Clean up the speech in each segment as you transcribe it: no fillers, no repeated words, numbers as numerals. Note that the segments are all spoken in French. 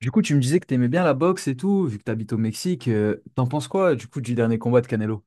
Du coup, tu me disais que t'aimais bien la boxe et tout, vu que t'habites au Mexique. T'en penses quoi, du coup, du dernier combat de Canelo?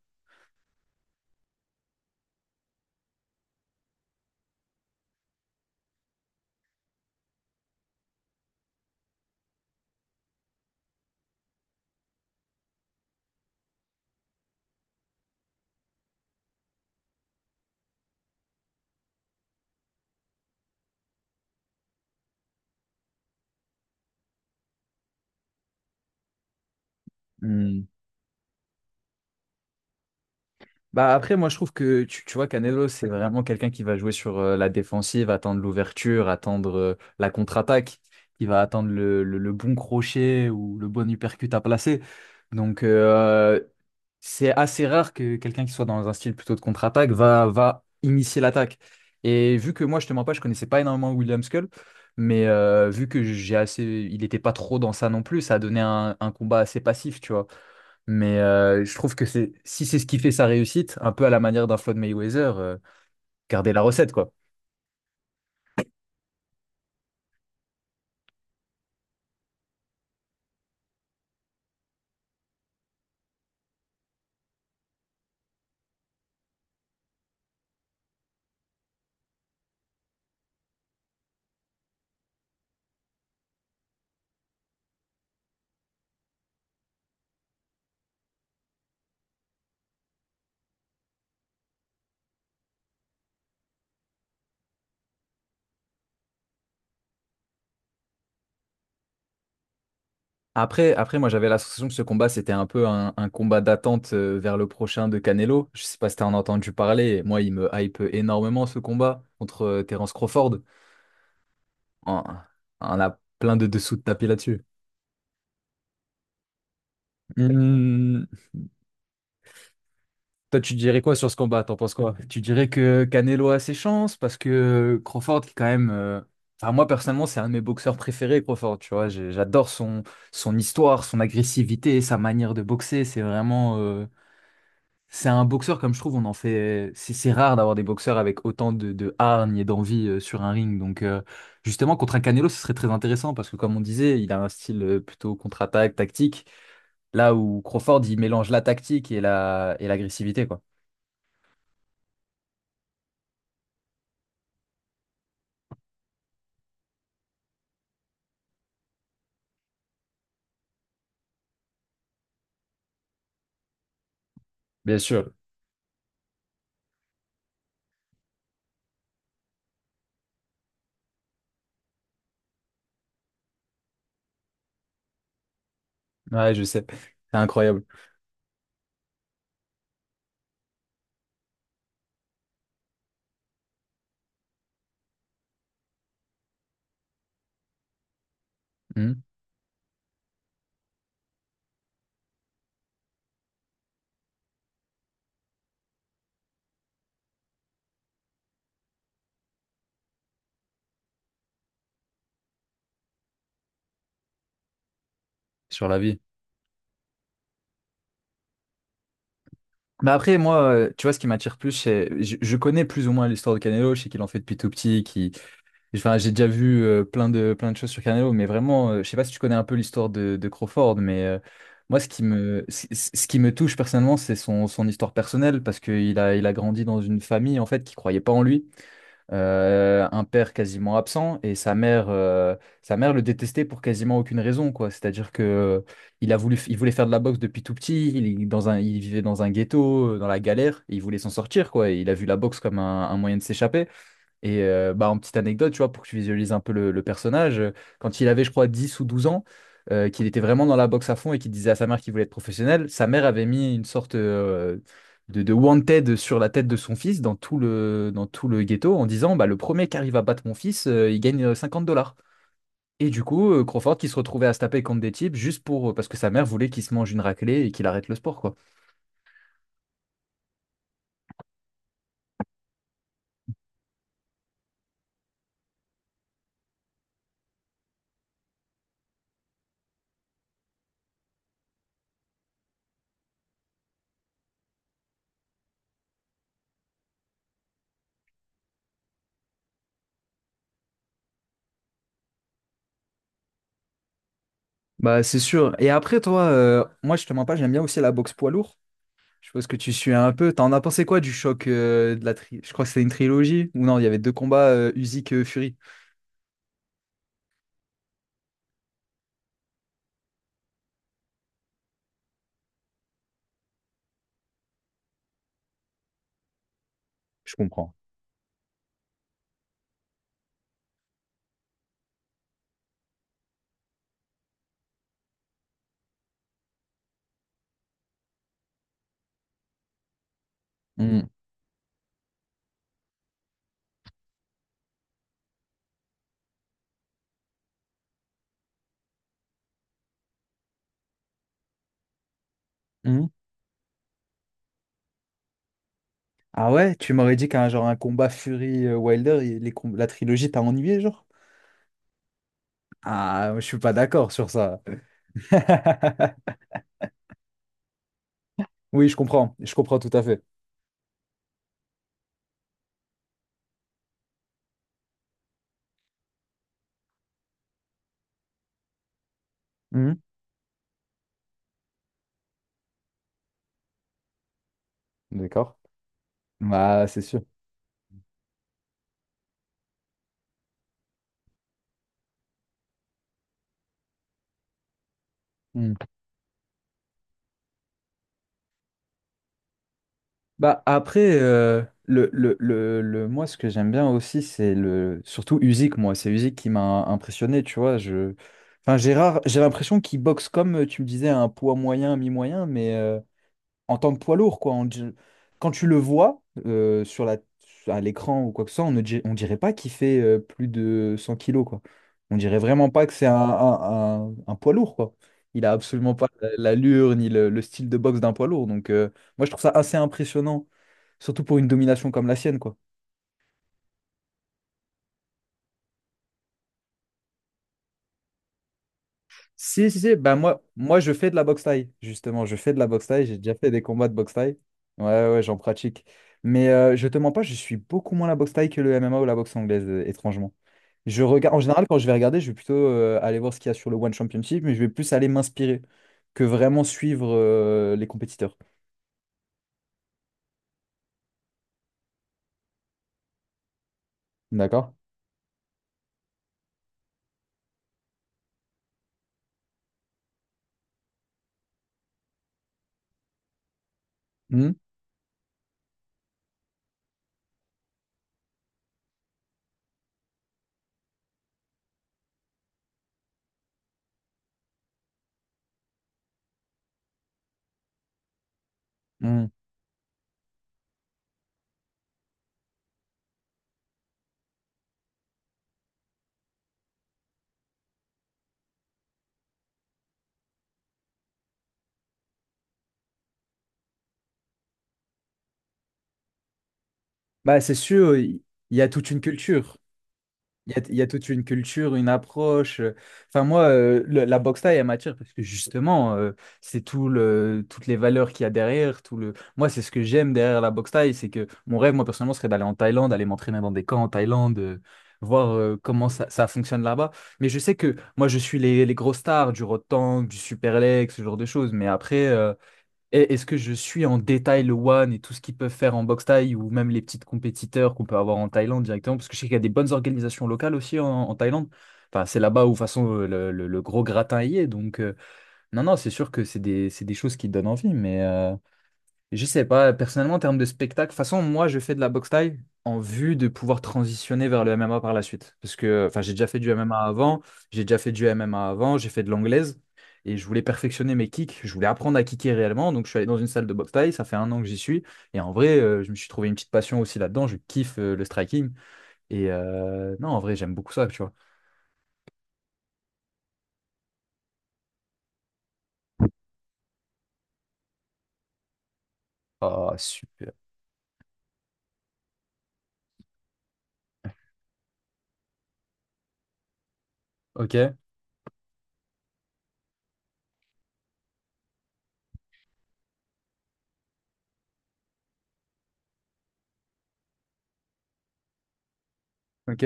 Hmm. Bah après, moi je trouve que tu vois, Canelo, c'est vraiment quelqu'un qui va jouer sur la défensive, attendre l'ouverture, attendre la contre-attaque, qui va attendre le bon crochet ou le bon uppercut à placer. Donc c'est assez rare que quelqu'un qui soit dans un style plutôt de contre-attaque va initier l'attaque. Et vu que moi, je te mens pas, je connaissais pas énormément William Skull, mais vu que j'ai assez, il était pas trop dans ça non plus, ça a donné un combat assez passif, tu vois. Mais je trouve que c'est, si c'est ce qui fait sa réussite, un peu à la manière d'un Floyd Mayweather, garder la recette, quoi. Après, moi j'avais l'impression que ce combat c'était un peu un combat d'attente vers le prochain de Canelo. Je sais pas si t'en as entendu parler. Moi, il me hype énormément ce combat contre Terence Crawford. On, on a plein de dessous de tapis là-dessus. Hmm, Toi, tu dirais quoi sur ce combat? T'en penses quoi? Tu dirais que Canelo a ses chances parce que Crawford, qui est quand même. Enfin, moi personnellement, c'est un de mes boxeurs préférés, Crawford. Tu vois, J'ai- j'adore son histoire, son agressivité, sa manière de boxer. C'est vraiment. C'est un boxeur, comme je trouve, on en fait. C'est rare d'avoir des boxeurs avec autant de hargne et d'envie sur un ring. Donc, justement, contre un Canelo, ce serait très intéressant parce que, comme on disait, il a un style plutôt contre-attaque, tactique. Là où Crawford, il mélange la tactique et l'agressivité, quoi. Bien sûr. Ouais, je sais. C'est incroyable. Mhm. Sur la vie. Bah après, moi, tu vois, ce qui m'attire plus, c'est. Je connais plus ou moins l'histoire de Canelo, je sais qu'il en fait depuis tout petit, qu'il. Enfin, j'ai déjà vu plein de choses sur Canelo, mais vraiment, je sais pas si tu connais un peu l'histoire de Crawford, mais moi, ce qui me touche personnellement, c'est son histoire personnelle, parce qu'il a grandi dans une famille, en fait, qui croyait pas en lui. Un père quasiment absent, et sa mère le détestait pour quasiment aucune raison, quoi. C'est-à-dire que il voulait faire de la boxe depuis tout petit, il vivait dans un ghetto, dans la galère, et il voulait s'en sortir, quoi. Et il a vu la boxe comme un moyen de s'échapper. Et bah, en petite anecdote, tu vois, pour que tu visualises un peu le personnage, quand il avait, je crois, 10 ou 12 ans, qu'il était vraiment dans la boxe à fond et qu'il disait à sa mère qu'il voulait être professionnel, sa mère avait mis une sorte de wanted sur la tête de son fils dans tout le ghetto, en disant bah, le premier qui arrive à battre mon fils, il gagne 50 dollars. Et du coup, Crawford qui se retrouvait à se taper contre des types juste pour parce que sa mère voulait qu'il se mange une raclée et qu'il arrête le sport, quoi. Bah, c'est sûr. Et après, toi, moi, je te mens pas, j'aime bien aussi la boxe poids lourd. Je pense que tu suis un peu. T'en as pensé quoi du choc, je crois que c'était une trilogie? Ou non, il y avait deux combats Usyk Fury. Je comprends. Mhm. Mhm. Ah ouais, tu m'aurais dit qu'un genre un combat Fury Wilder, la trilogie t'a ennuyé, genre? Ah, je suis pas d'accord sur ça. Oui, je comprends. Je comprends tout à fait. Mhm. D'accord. Bah, c'est sûr. Mmh. Bah après, moi, ce que j'aime bien aussi, c'est le surtout Usyk, moi. C'est Usyk qui m'a impressionné, tu vois. Enfin, Gérard, j'ai l'impression qu'il boxe comme, tu me disais, un poids moyen, un mi-moyen, mais en tant que poids lourd, quoi. Quand tu le vois à l'écran ou quoi que ce soit, on ne di- on dirait pas qu'il fait plus de 100 kilos, quoi. On dirait vraiment pas que c'est un, un poids lourd, quoi. Il a absolument pas l'allure ni le style de boxe d'un poids lourd. Donc, moi, je trouve ça assez impressionnant, surtout pour une domination comme la sienne, quoi. Si, si, si, bah moi je fais de la boxe thaï, justement, je fais de la boxe thaï, j'ai déjà fait des combats de boxe thaï. Ouais, ouais, j'en pratique. Mais je te mens pas, je suis beaucoup moins la boxe thaï que le MMA ou la boxe anglaise, étrangement. Je regarde, en général, quand je vais regarder, je vais plutôt aller voir ce qu'il y a sur le One Championship, mais je vais plus aller m'inspirer que vraiment suivre les compétiteurs. D'accord? Hmm. Hmm. Bah, c'est sûr, il y a toute une culture. Il y a toute une culture, une approche. Enfin, moi, la boxe taille, elle m'attire parce que justement, c'est toutes les valeurs qu'il y a derrière. Moi, c'est ce que j'aime derrière la boxe taille. C'est que mon rêve, moi, personnellement, serait d'aller en Thaïlande, aller m'entraîner dans des camps en Thaïlande, voir comment ça fonctionne là-bas. Mais je sais que moi, je suis les gros stars du Rotan, du Superlex, ce genre de choses. Mais après, et est-ce que je suis en détail le One et tout ce qu'ils peuvent faire en boxe thaï, ou même les petites compétiteurs qu'on peut avoir en Thaïlande directement? Parce que je sais qu'il y a des bonnes organisations locales aussi en, en Thaïlande. Enfin, c'est là-bas où, de toute façon, le gros gratin y est. Donc, non, non, c'est sûr que c'est des choses qui donnent envie. Mais, je sais pas, personnellement, en termes de spectacle, de toute façon, moi, je fais de la boxe thaï en vue de pouvoir transitionner vers le MMA par la suite. Parce que, enfin, j'ai déjà fait du MMA avant, j'ai déjà fait du MMA avant, j'ai fait de l'anglaise, et je voulais perfectionner mes kicks, je voulais apprendre à kicker réellement, donc je suis allé dans une salle de boxe thaï, ça fait un an que j'y suis, et en vrai, je me suis trouvé une petite passion aussi là-dedans, je kiffe le striking, et non, en vrai, j'aime beaucoup ça, tu vois. Ah, super. Ok, ok.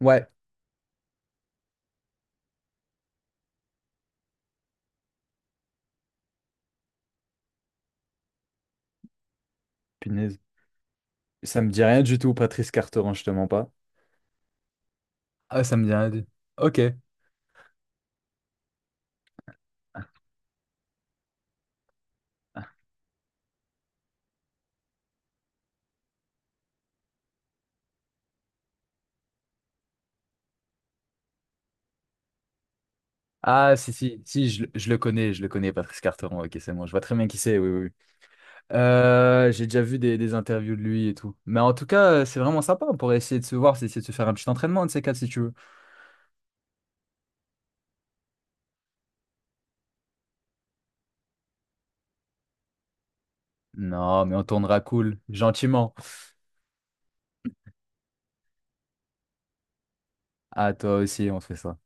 Ouais, punaise. Ça me dit rien du tout, Patrice Carteron, je te mens pas. Ah, ça me dit rien du tout. Ok. Ah, si, si, si, je le connais, Patrice Carteron. Ok, c'est bon, je vois très bien qui c'est, oui, oui, oui. J'ai déjà vu des interviews de lui et tout. Mais en tout cas, c'est vraiment sympa. On pourrait essayer de se voir, c'est essayer de se faire un petit entraînement, de ces quatre, si tu veux. Non, mais on tournera cool, gentiment. Ah, toi aussi, on fait ça.